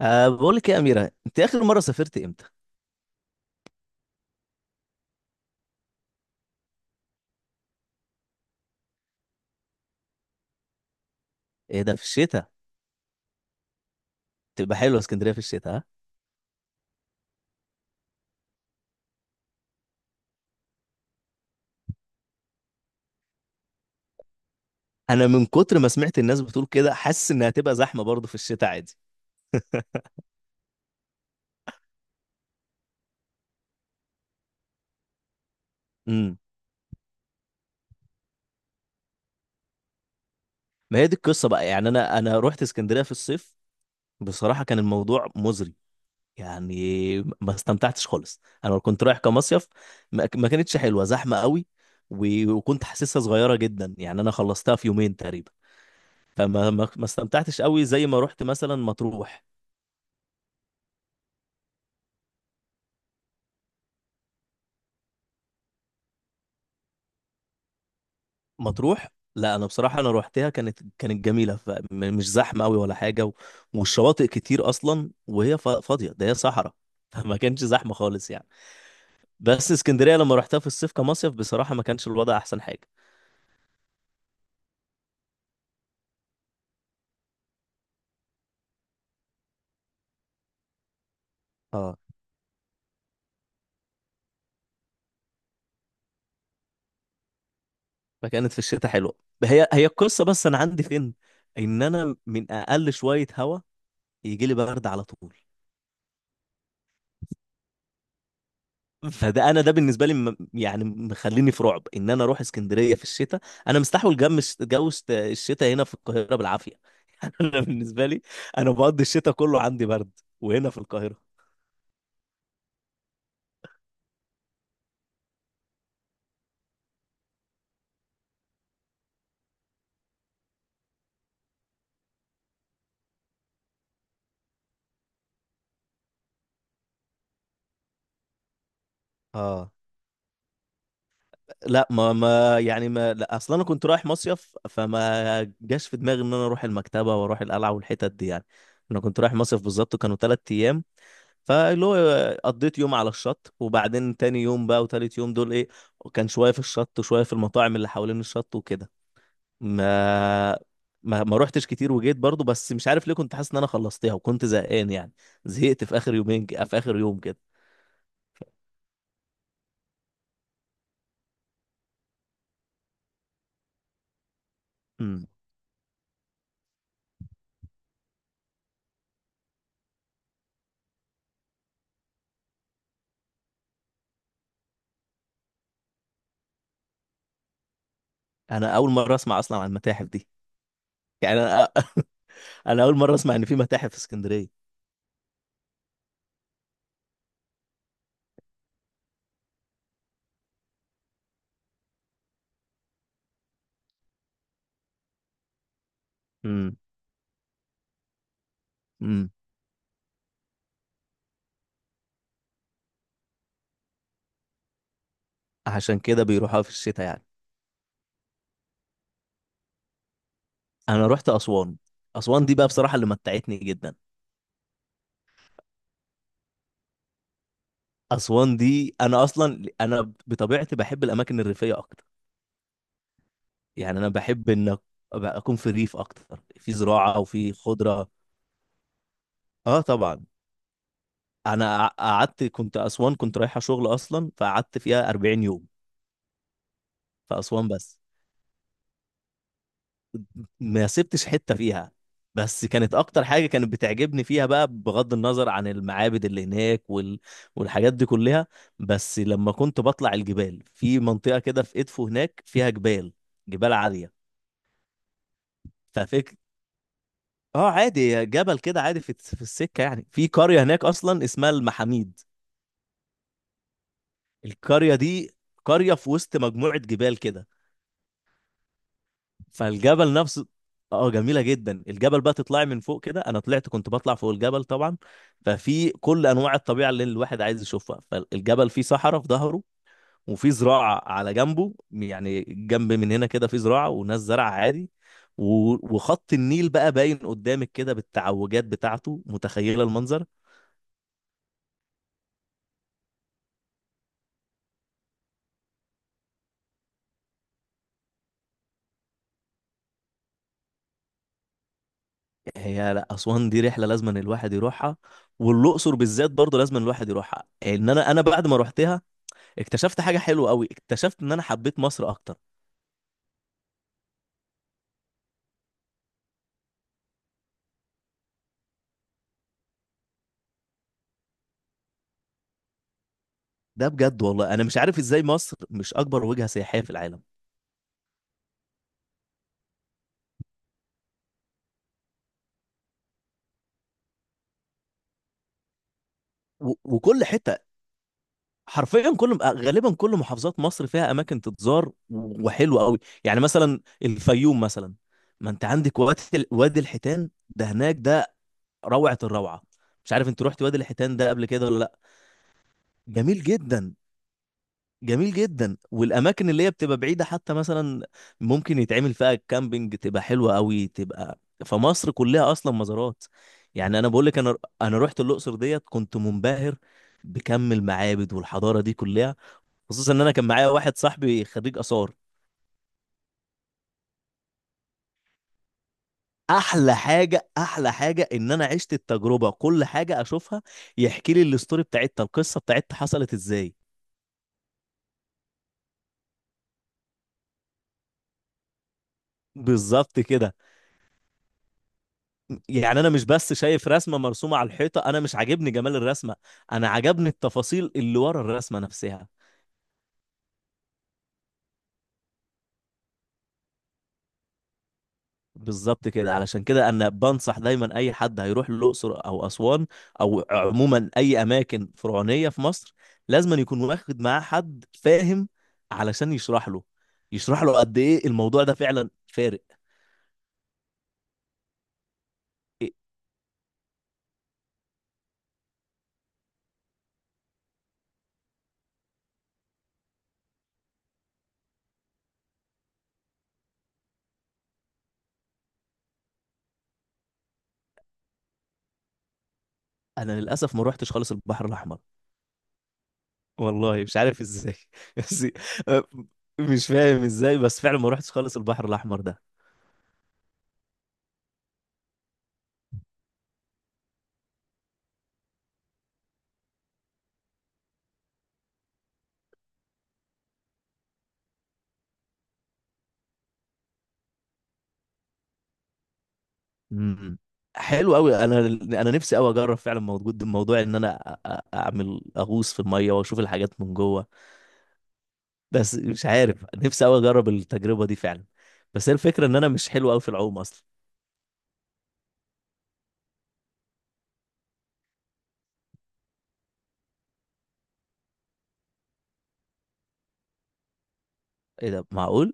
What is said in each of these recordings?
بقول لك إيه يا أميرة، أنت آخر مرة سافرت إمتى؟ إيه ده، في الشتاء. تبقى حلوة اسكندرية في الشتاء، ها؟ أنا من كتر ما سمعت الناس بتقول كده حاسس إنها هتبقى زحمة برضه في الشتاء عادي. امم. ما هي دي القصة بقى، يعني أنا رحت اسكندرية في الصيف، بصراحة كان الموضوع مزري. يعني ما استمتعتش خالص، أنا كنت رايح كمصيف. ما كانتش حلوة، زحمة قوي. وكنت حاسسها صغيرة جدا، يعني أنا خلصتها في يومين تقريبا. فما ما ما استمتعتش قوي زي ما رحت مثلا مطروح. مطروح. لا انا بصراحه انا روحتها، كانت جميله، فمش زحمه قوي ولا حاجه. والشواطئ كتير اصلا، وهي فاضيه، ده هي صحراء فما كانش زحمه خالص يعني. بس اسكندريه لما روحتها في الصيف كمصيف، بصراحه ما كانش الوضع احسن حاجه. اه. فكانت في الشتاء حلوه. هي هي القصه، بس انا عندي فين ان انا من اقل شويه هوا يجي لي برد على طول. فده انا، ده بالنسبه لي، يعني مخليني في رعب ان انا اروح اسكندريه في الشتاء. انا مستحول جو الش- جو الشت- الشتاء هنا في القاهره بالعافيه يعني انا بالنسبه لي، انا بقضي الشتاء كله عندي برد وهنا في القاهره. اه. لا ما ما يعني ما، لا اصلا انا كنت رايح مصيف، فما جاش في دماغي ان انا اروح المكتبه واروح القلعه والحتت دي يعني. انا كنت رايح مصيف بالظبط، كانوا 3 ايام. فاللي هو قضيت يوم على الشط، وبعدين تاني يوم بقى وتالت يوم دول ايه، كان شوية في الشط وشوية في المطاعم اللي حوالين الشط وكده. ما ما روحتش كتير، وجيت برضو، بس مش عارف ليه كنت حاسس ان انا خلصتها وكنت زهقان يعني. زهقت في اخر يومين، في اخر يوم كده. امم. انا اول مرة اسمع اصلا عن المتاحف دي. يعني انا انا اول مرة اسمع ان في متاحف في اسكندرية. امم. امم. عشان كده بيروحوها في الشتاء يعني. انا رحت اسوان. اسوان دي بقى بصراحة اللي متعتني جدا. اسوان دي انا اصلا، انا بطبيعتي بحب الاماكن الريفيه اكتر. يعني انا بحب ان أبقى اكون في الريف اكتر، في زراعه وفي خضره. اه طبعا. انا قعدت، كنت اسوان كنت رايحه شغل اصلا، فقعدت فيها 40 يوم في اسوان بس. ما سبتش حته فيها. بس كانت اكتر حاجه كانت بتعجبني فيها بقى، بغض النظر عن المعابد اللي هناك والحاجات دي كلها، بس لما كنت بطلع الجبال في منطقه كده، في ادفو هناك فيها جبال، جبال عاليه. ففك اه، عادي، جبل كده عادي في السكه، يعني في قريه هناك اصلا اسمها المحاميد. القريه دي قريه في وسط مجموعه جبال كده. فالجبل نفسه، اه جميله جدا. الجبل بقى تطلعي من فوق كده، انا طلعت كنت بطلع فوق الجبل طبعا. ففي كل انواع الطبيعه اللي الواحد عايز يشوفها، فالجبل فيه صحراء في ظهره، وفي زراعه على جنبه، يعني جنب من هنا كده في زراعه وناس زرع عادي. وخط النيل بقى باين قدامك كده بالتعوجات بتاعته، متخيله المنظر. هي لا، اسوان دي رحله لازم أن الواحد يروحها، والاقصر بالذات برضه لازم أن الواحد يروحها. ان انا بعد ما روحتها اكتشفت حاجه حلوه قوي، اكتشفت ان انا حبيت مصر اكتر. ده بجد والله، انا مش عارف ازاي مصر مش اكبر وجهه سياحيه في العالم. وكل حته، حرفيا كل، غالبا كل محافظات مصر فيها اماكن تتزار وحلوه قوي. يعني مثلا الفيوم مثلا، ما انت عندك وادي وادي الحيتان، ده هناك ده روعه الروعه. مش عارف انت رحت وادي الحيتان ده قبل كده ولا لا. جميل جدا، جميل جدا. والاماكن اللي هي بتبقى بعيده حتى مثلا، ممكن يتعمل فيها كامبينج، تبقى حلوه قوي تبقى. فمصر كلها اصلا مزارات. يعني انا بقول لك، انا رحت الاقصر ديت، كنت منبهر بكم المعابد والحضاره دي كلها، خصوصا ان انا كان معايا واحد صاحبي خريج اثار. احلى حاجه، احلى حاجه ان انا عشت التجربه، كل حاجه اشوفها يحكي لي الاستوري بتاعتها، القصه بتاعتها حصلت ازاي. بالظبط كده. يعني انا مش بس شايف رسمه مرسومه على الحيطه، انا مش عاجبني جمال الرسمه، انا عجبني التفاصيل اللي ورا الرسمه نفسها. بالظبط كده، علشان كده انا بنصح دايما اي حد هيروح الاقصر او اسوان، او عموما اي اماكن فرعونيه في مصر، لازم يكون واخد معاه حد فاهم علشان يشرح له، يشرح له قد ايه الموضوع ده فعلا فارق. إيه؟ انا للاسف ما روحتش خالص البحر الاحمر. والله مش عارف ازاي بس آه، مش فاهم ازاي، بس فعلا ما روحتش خالص البحر الاحمر ده. امم. حلو قوي. انا نفسي قوي اجرب فعلا، موجود الموضوع ان انا اعمل اغوص في الميه واشوف الحاجات من جوه. بس مش عارف، نفسي قوي اجرب التجربه دي فعلا، بس هي الفكره ان انا مش حلو قوي في العوم اصلا. ايه ده، معقول.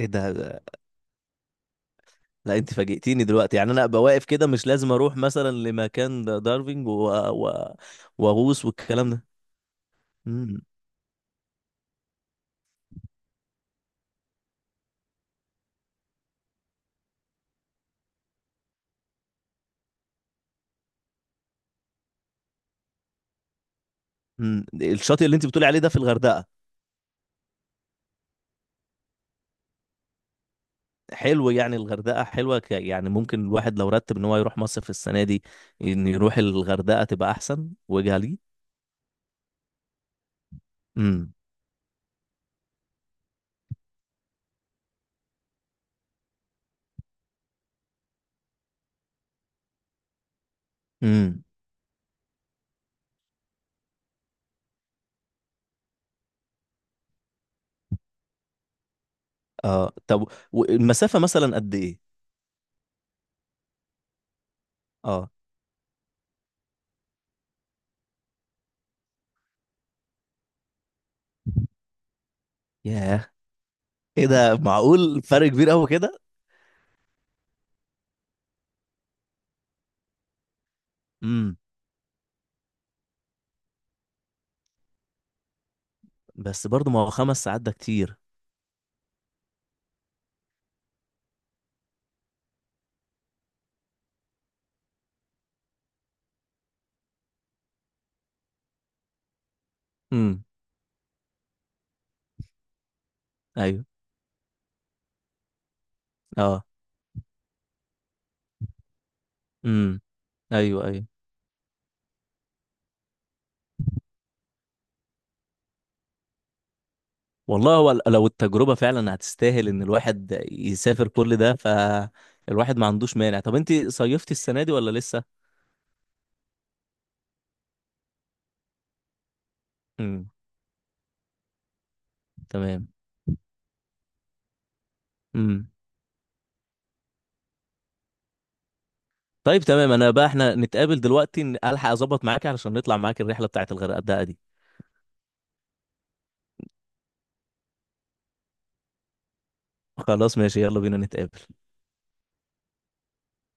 ايه ده ده- لا انت فاجئتيني دلوقتي، يعني انا ابقى واقف كده مش لازم اروح مثلا لمكان دايفنج واغوص والكلام ده. امم. أمم. الشاطئ اللي انت بتقولي عليه ده في الغردقه. حلو، يعني الغردقة حلوة، يعني ممكن الواحد لو رتب ان هو يروح مصيف السنة دي ان يروح الغردقة تبقى احسن وجهة ليه. امم. امم. اه طب، والمسافة مثلا قد ايه. اه. ياه. ايه ده، معقول فرق كبير قوي كده. امم. بس برضه ما هو 5 ساعات ده كتير. امم. ايوه. اه. امم. ايوه ايوه. والله هو لو التجربة فعلا هتستاهل ان الواحد يسافر كل ده، فالواحد ما عندوش مانع. طب انت صيفتي السنة دي ولا لسه. امم. تمام. امم. طيب تمام، انا بقى احنا نتقابل دلوقتي، الحق اظبط معاك علشان نطلع معاك الرحله بتاعت الغردقه دي. خلاص ماشي، يلا بينا نتقابل.